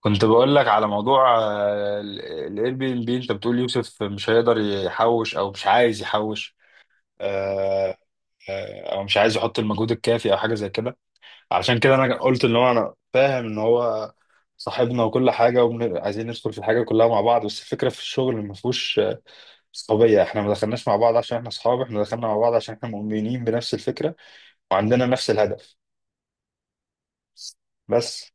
كنت بقول لك على موضوع الاير بي ام بي. انت بتقول يوسف مش هيقدر يحوش او مش عايز يحوش، آه، او مش عايز يحط المجهود الكافي او حاجه زي كده. علشان كده انا قلت ان هو، انا فاهم ان هو صاحبنا وكل حاجه، وعايزين ندخل في الحاجه كلها مع بعض، بس الفكره في الشغل ما فيهوش صحوبيه. احنا ما دخلناش مع بعض عشان احنا اصحاب، احنا دخلنا مع بعض عشان احنا مؤمنين بنفس الفكره وعندنا نفس الهدف. بس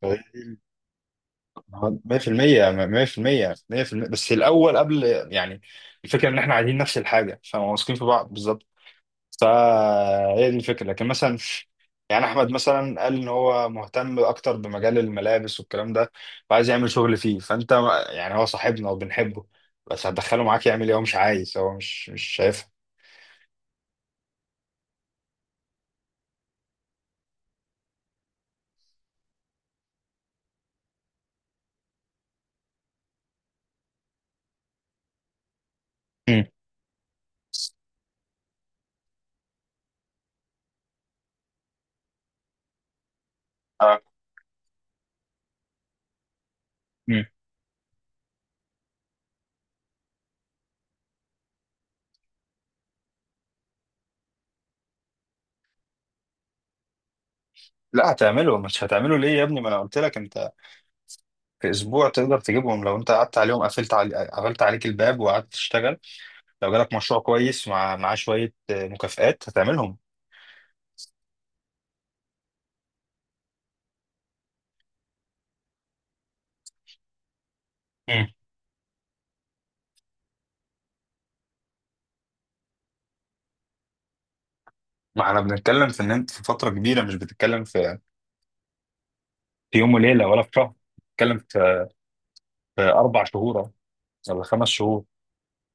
مية في المية، مية في المية، مية في المية، بس الأول قبل، يعني الفكرة إن إحنا عايزين نفس الحاجة فواثقين في بعض بالظبط. فهي دي الفكرة. لكن مثلا يعني أحمد مثلا قال إن هو مهتم أكتر بمجال الملابس والكلام ده وعايز يعمل شغل فيه. فأنت يعني هو صاحبنا وبنحبه، بس هتدخله معاك يعمل إيه؟ هو مش عايز، هو مش شايفها. مم. آه. مم. لا هتعمله. مش هتعمله ليه يا ابني؟ ما انا قلت لك انت في اسبوع تقدر تجيبهم لو انت قعدت عليهم، قفلت علي... قفلت عليك الباب وقعدت تشتغل. لو جالك مشروع كويس ومع معاه شوية مكافآت هتعملهم. مم. ما احنا بنتكلم في ان انت في فترة كبيرة، مش بتتكلم في في يوم وليلة ولا في شهر، بتتكلم في في اربع شهور ولا خمس شهور،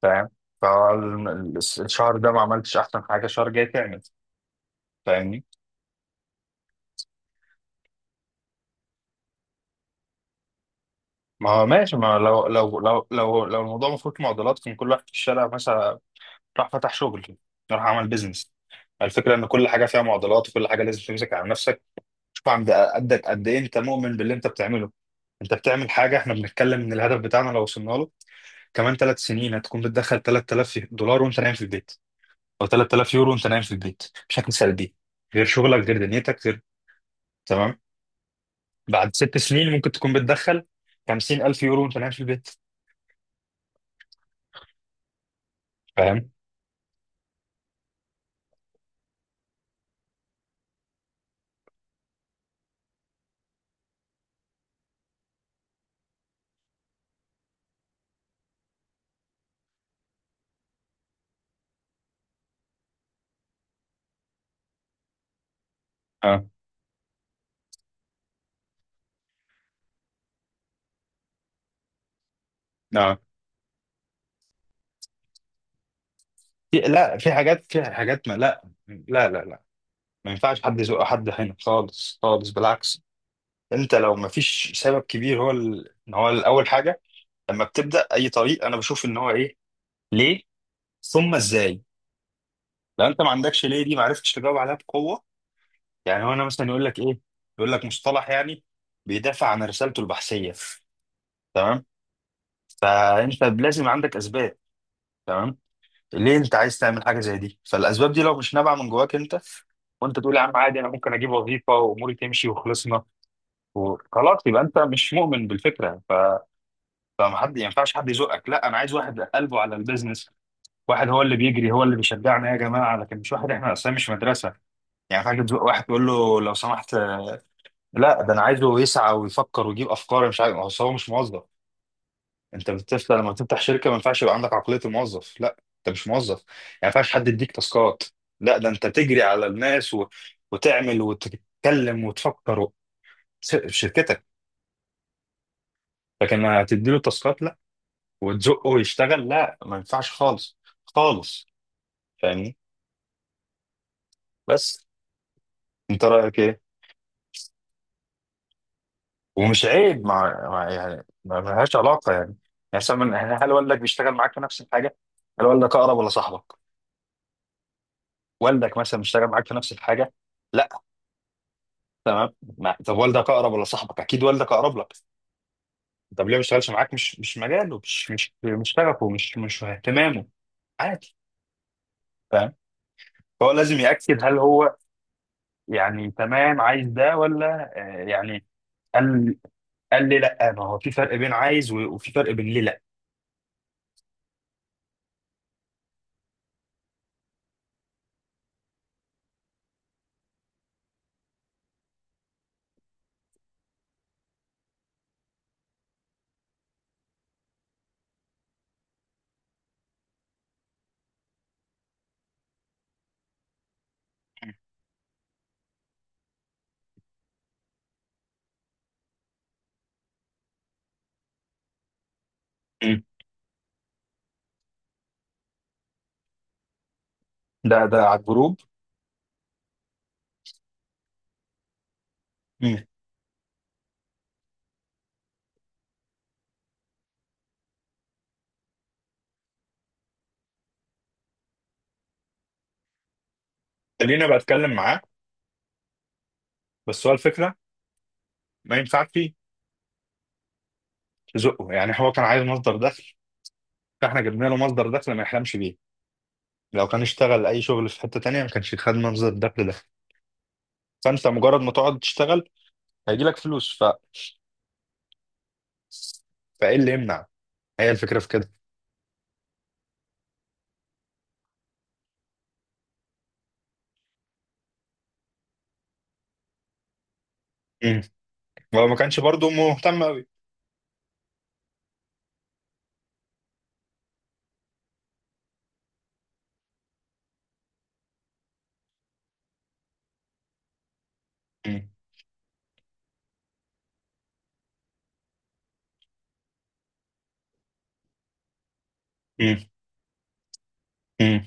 فاهم؟ فالشهر ده ما عملتش احسن حاجة، الشهر الجاي تعمل، فاهمني؟ ما هو ماشي. ما لو الموضوع مفروض معضلات، كان كل واحد في الشارع مثلا راح فتح شغل، راح عمل بيزنس. الفكرة ان كل حاجة فيها معضلات، وكل حاجة لازم تمسك على نفسك. شوف عند قدك قد ايه انت مؤمن باللي انت بتعمله. انت بتعمل حاجه، احنا بنتكلم ان الهدف بتاعنا لو وصلنا له كمان ثلاث سنين، هتكون بتدخل 3000$ وانت نايم في البيت، او 3000 يورو وانت نايم في البيت، بشكل سلبي. غير شغلك، غير دنيتك، غير. تمام؟ بعد ست سنين ممكن تكون بتدخل 50000 يورو وانت نايم في البيت، فاهم؟ اه اه. في، لا، في حاجات، في حاجات، ما، لا ما ينفعش حد يزق حد هنا خالص خالص. بالعكس، انت لو ما فيش سبب كبير، هو ال... هو اول حاجه لما بتبدا اي طريق، انا بشوف ان هو ايه، ليه، ثم ازاي. لو انت ما عندكش ليه دي، ما عرفتش تجاوب عليها بقوه. يعني هو انا مثلا يقول لك ايه، يقول لك مصطلح يعني بيدافع عن رسالته البحثيه، تمام؟ فانت لازم عندك اسباب، تمام؟ ليه انت عايز تعمل حاجه زي دي؟ فالاسباب دي لو مش نابعه من جواك انت، وانت تقول يا عم عادي انا ممكن اجيب وظيفه واموري تمشي وخلصنا وخلاص، يبقى انت مش مؤمن بالفكره. ف... فما حد، ما ينفعش حد يزقك. لا، انا عايز واحد قلبه على البيزنس. واحد هو اللي بيجري، هو اللي بيشجعنا يا جماعه. لكن مش واحد، احنا اصلا مش مدرسه يعني. فاكر تزق واحد تقول له لو سمحت لا. ده انا عايزه يسعى ويفكر ويجيب افكار، مش عارف. أصل هو مش موظف. انت بتفتح، لما تفتح شركه، ما ينفعش يبقى عندك عقليه الموظف. لا، انت مش موظف يعني، ما ينفعش حد يديك تاسكات. لا، ده انت تجري على الناس و... وتعمل وتتكلم وتفكر و... س- في شركتك. لكن ما تديله تاسكات لا، وتزقه يشتغل، لا، ما ينفعش خالص خالص، فاهمني؟ بس انت رايك ايه؟ ومش عيب. مع يعني ما لهاش علاقه يعني يعني. مثلا يعني هل والدك بيشتغل معاك في نفس الحاجه؟ هل والدك اقرب ولا صاحبك؟ والدك مثلا بيشتغل معاك في نفس الحاجه؟ لا؟ تمام. طب والدك اقرب ولا صاحبك؟ اكيد والدك اقرب لك. طب ليه ما بيشتغلش معاك؟ مش مجاله، مش شغفه، مش اهتمامه، عادي. فاهم؟ فهو لازم يأكد هل هو يعني تمام عايز ده ولا يعني. قال، قال لي لا، ما هو في فرق بين عايز وفي فرق بين ليه لا. مم. ده ده على الجروب؟ مم. خليني بتكلم معاه. بس هو الفكره ما ينفعش تزقه. يعني هو كان عايز مصدر دخل، فاحنا جبنا له مصدر دخل ما يحلمش بيه. لو كان اشتغل اي شغل في حته تانية ما كانش خد مصدر الدخل ده. فانت مجرد ما تقعد تشتغل، هيجي لك فلوس. ف... فايه اللي يمنع؟ هي الفكره في كده. امم هو ما كانش برضه مهتم قوي. امم امم امم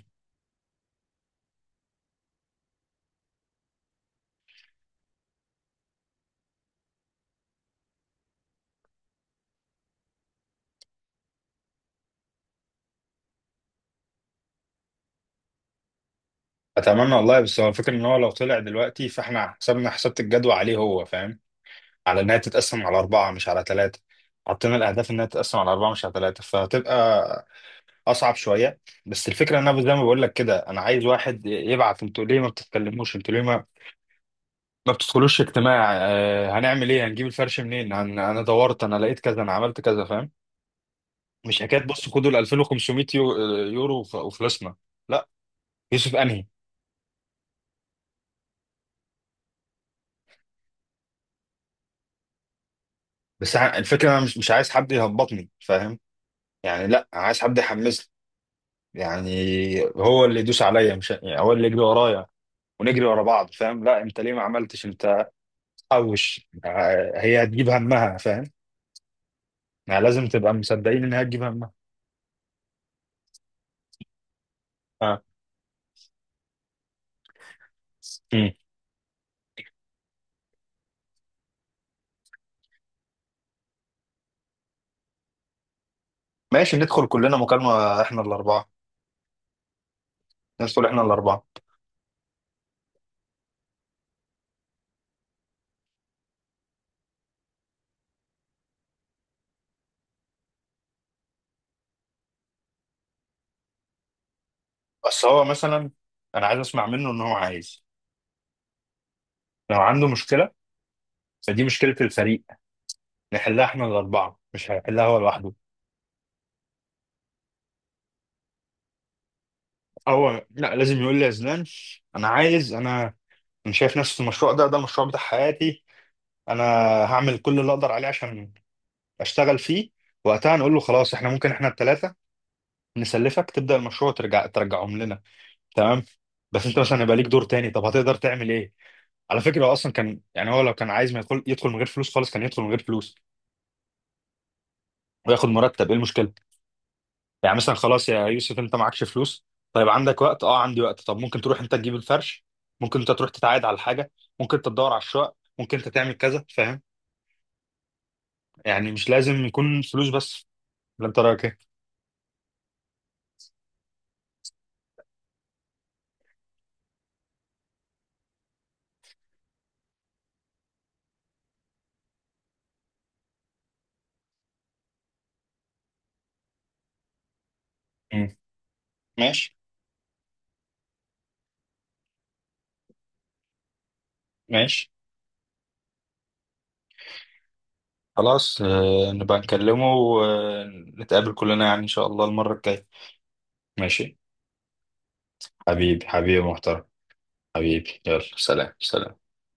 اتمنى والله. بس هو الفكره ان هو لو طلع دلوقتي، فاحنا حسبنا، حسبت الجدوى عليه، هو فاهم، على انها تتقسم على اربعه مش على ثلاثه. حطينا الاهداف انها تتقسم على اربعه مش على ثلاثه، فهتبقى اصعب شويه. بس الفكره ان انا زي ما بقول لك كده، انا عايز واحد يبعت انتوا ليه ما بتتكلموش، انتوا ليه ما ما بتدخلوش اجتماع، آه هنعمل ايه، هنجيب الفرش منين، هن... انا دورت، انا لقيت كذا، انا عملت كذا، فاهم؟ مش حكايه بص خدوا ال 2500 يو... يورو وفلوسنا. لا، يوسف انهي. بس ع- الفكره انا مش عايز حد يهبطني، فاهم؟ يعني لا، انا عايز حد يحمسني يعني، هو اللي يدوس عليا، مش يعني هو اللي يجري ورايا ونجري ورا بعض، فاهم؟ لا، انت ليه ما عملتش انت حوش؟ هي هتجيب همها، فاهم؟ يعني لازم تبقى مصدقين ان هي تجيب همها. اه. مم. ماشي، ندخل كلنا مكالمة احنا الأربعة. ندخل احنا الأربعة. بس هو مثلا، أنا عايز أسمع منه إن هو عايز، لو عنده مشكلة فدي مشكلة الفريق، نحلها احنا الأربعة، مش هيحلها هو لوحده. هو لا، لازم يقول لي يا زلان أنا عايز أنا أنا شايف نفسي في المشروع ده، ده المشروع بتاع حياتي، أنا هعمل كل اللي أقدر عليه عشان أشتغل فيه. وقتها نقول له خلاص، احنا ممكن احنا التلاتة نسلفك، تبدأ المشروع وترجع ترجعهم لنا، تمام؟ بس انت مثلا يبقى ليك دور تاني، طب هتقدر تعمل ايه؟ على فكره هو اصلا كان يعني هو لو كان عايز ما يدخل يدخل من غير فلوس خالص، كان يدخل من غير فلوس وياخد مرتب. ايه المشكله؟ يعني مثلا خلاص يا يوسف انت معكش فلوس، طيب عندك وقت، اه عندي وقت، طب ممكن تروح انت تجيب الفرش، ممكن انت تروح تتعايد على حاجه، ممكن انت تدور على الشقق، ممكن انت تعمل كذا، فاهم؟ يعني مش لازم يكون فلوس بس. ولا انت رايك ايه؟ مم. ماشي ماشي. خلاص نبقى نكلمه ونتقابل كلنا يعني ان شاء الله المره الجايه. ماشي. حبيبي حبيبي محترم. حبيبي يلا سلام سلام.